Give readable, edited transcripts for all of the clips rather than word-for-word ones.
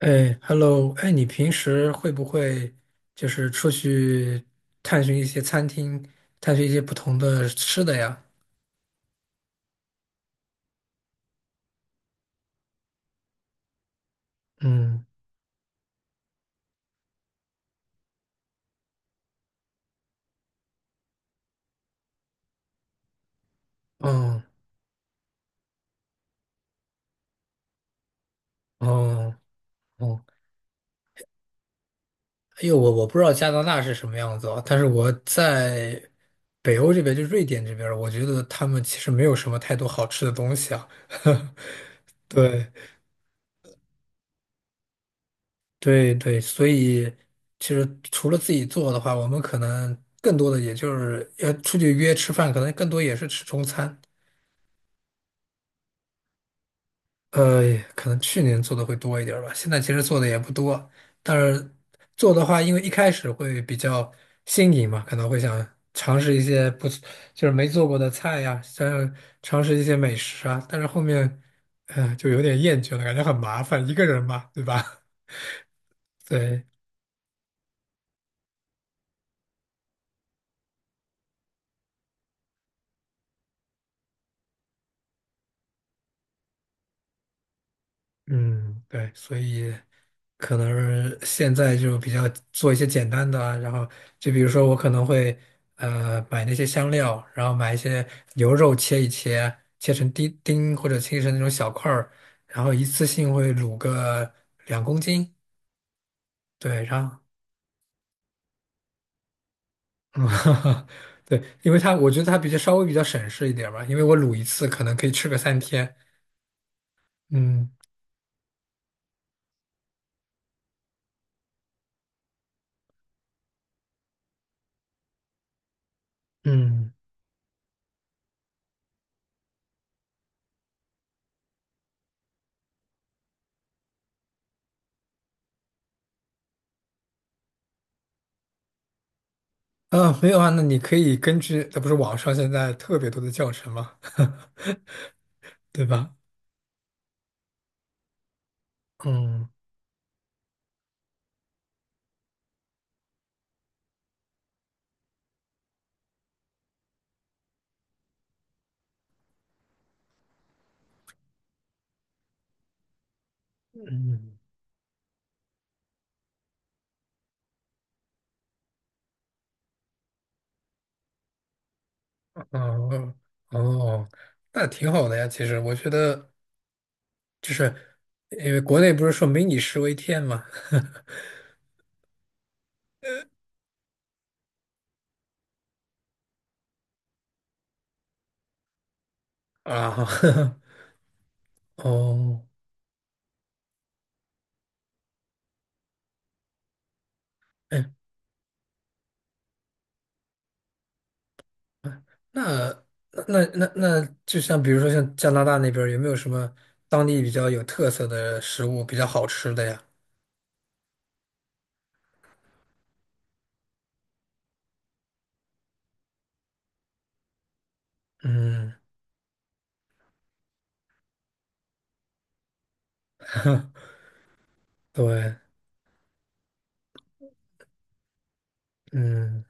哎，Hello，哎，你平时会不会就是出去探寻一些餐厅，探寻一些不同的吃的呀？嗯，嗯，哦，哦，哎呦，我不知道加拿大是什么样子啊，但是我在北欧这边，就瑞典这边儿我觉得他们其实没有什么太多好吃的东西啊。对，对，对，所以其实除了自己做的话，我们可能更多的也就是要出去约吃饭，可能更多也是吃中餐。呃，可能去年做的会多一点儿吧，现在其实做的也不多，但是做的话，因为一开始会比较新颖嘛，可能会想尝试一些不，就是没做过的菜呀，想尝试一些美食啊，但是后面，就有点厌倦了，感觉很麻烦，一个人嘛，对吧？对，嗯，对，所以可能是现在就比较做一些简单的啊然后就比如说我可能会买那些香料，然后买一些牛肉切一切，切成丁丁或者切成那种小块儿，然后一次性会卤个2公斤，对，然后嗯，对，因为它我觉得它稍微比较省事一点儿吧，因为我卤一次可能可以吃个3天，嗯嗯。啊，没有啊，那你可以那不是网上现在特别多的教程吗？对吧？嗯嗯哦哦，那挺好的呀。其实我觉得，就是因为国内不是说“民以食为天”嘛，啊，哦，哎，那那,就像比如说像加拿大那边儿有没有什么当地比较有特色的食物比较好吃的呀？嗯，对，嗯，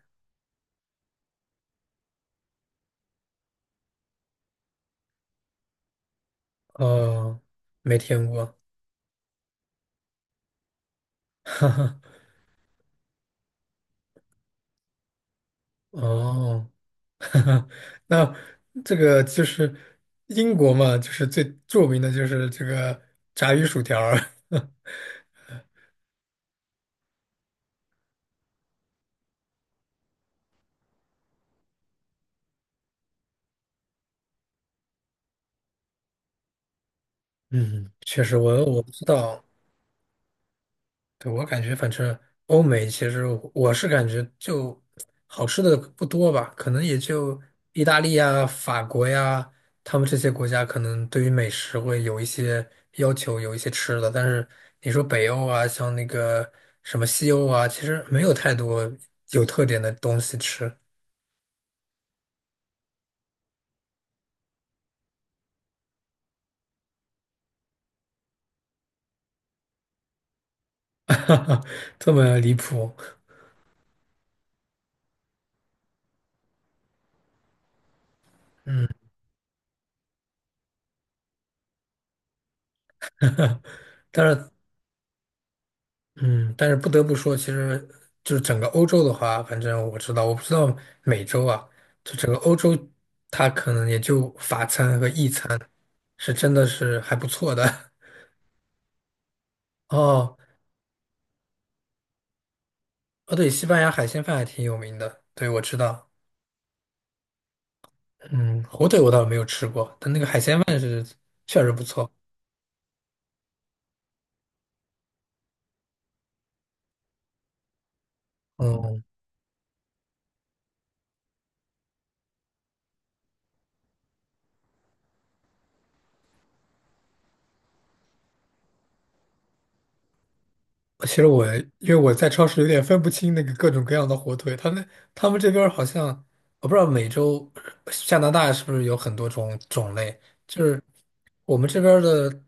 哦，没听过。哈哈，哦，哈哈，那这个就是英国嘛，就是最著名的就是这个炸鱼薯条儿 嗯，确实我不知道。对，我感觉反正欧美其实我是感觉就好吃的不多吧，可能也就意大利呀、法国呀，他们这些国家可能对于美食会有一些要求，有一些吃的。但是你说北欧啊，像那个什么西欧啊，其实没有太多有特点的东西吃，这么离谱。但是嗯，但是不得不说，其实就是整个欧洲的话，反正我知道，我不知道美洲啊，就整个欧洲，它可能也就法餐和意餐是真的是还不错的。哦，哦，对，西班牙海鲜饭还挺有名的，对，我知道。嗯，火腿我倒是没有吃过，但那个海鲜饭是确实不错。嗯。其实因为我在超市有点分不清那个各种各样的火腿，他们这边儿好像我不知道美洲加拿大是不是有很多种类，就是我们这边儿的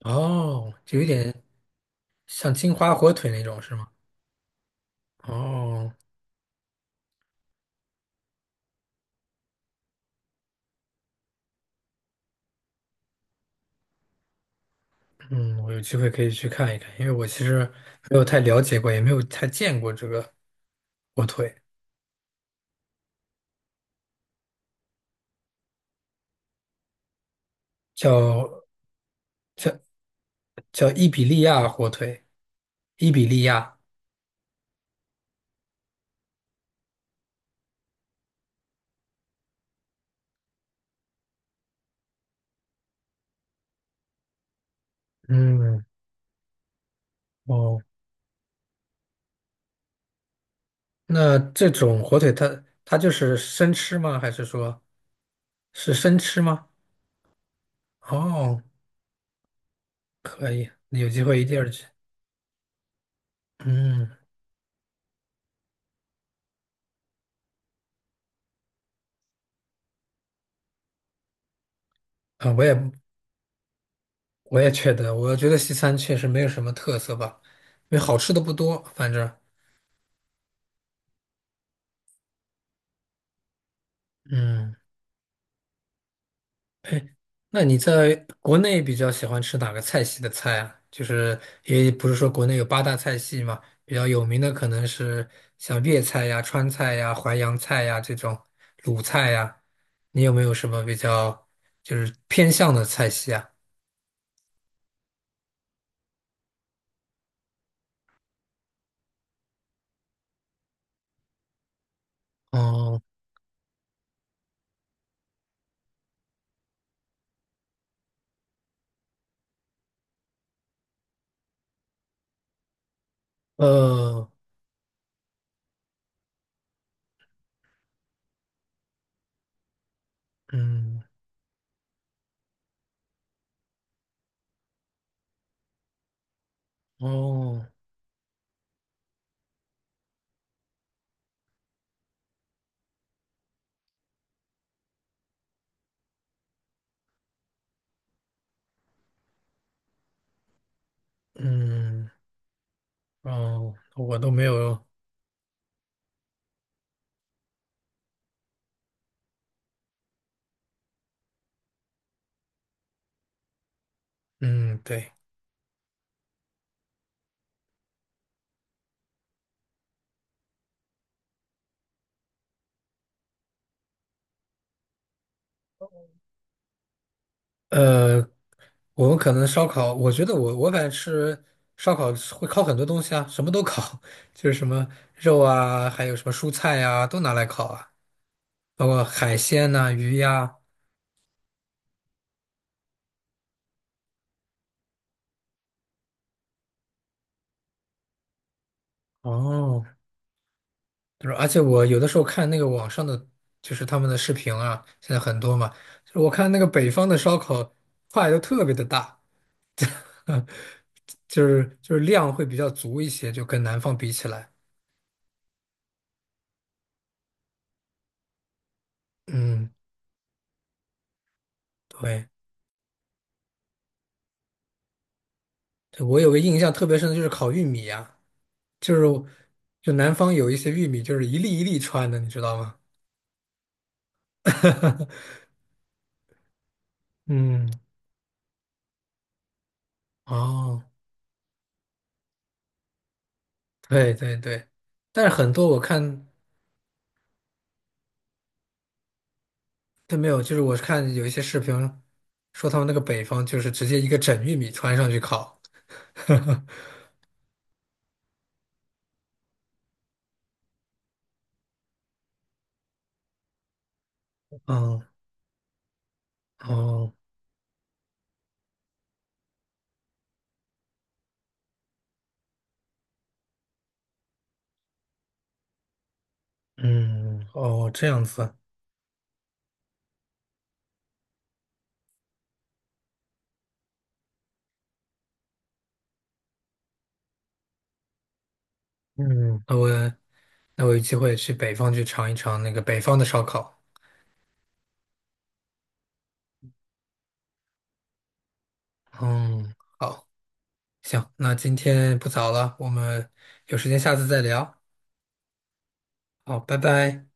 哦，就有点像金华火腿那种是吗？哦，嗯，我有机会可以去看一看，因为我其实没有太了解过，也没有太见过这个火腿，叫叫叫伊比利亚火腿，伊比利亚，嗯。哦。那这种火腿它就是生吃吗？还是说是生吃吗？哦，可以，有机会一定要去。嗯，啊，我也觉得，我觉得西餐确实没有什么特色吧，因为好吃的不多，反正嗯。那你在国内比较喜欢吃哪个菜系的菜啊？就是也不是说国内有八大菜系嘛，比较有名的可能是像粤菜呀、川菜呀、淮扬菜呀这种鲁菜呀，你有没有什么比较就是偏向的菜系啊？哦，呃，嗯，哦，嗯，哦，我都没有，嗯，对。呃，我们可能烧烤，我觉得我反正吃烧烤会烤很多东西啊，什么都烤，就是什么肉啊，还有什么蔬菜呀、都拿来烤啊，包括海鲜呐、鱼呀、哦，就是而且我有的时候看那个网上的，就是他们的视频啊，现在很多嘛，就是我看那个北方的烧烤块都特别的大，就是量会比较足一些，就跟南方比起来，嗯，对，对我有个印象特别深的就是烤玉米呀、就是南方有一些玉米，就是一粒一粒穿的，你知道吗？嗯，哦，对对对，但是很多我看都没有，就是我看有一些视频说他们那个北方就是直接一个整玉米穿上去烤。哦哦，嗯哦，这样子，嗯，那我有机会去北方去尝一尝那个北方的烧烤。嗯，好，行，那今天不早了，我们有时间下次再聊。好，拜拜。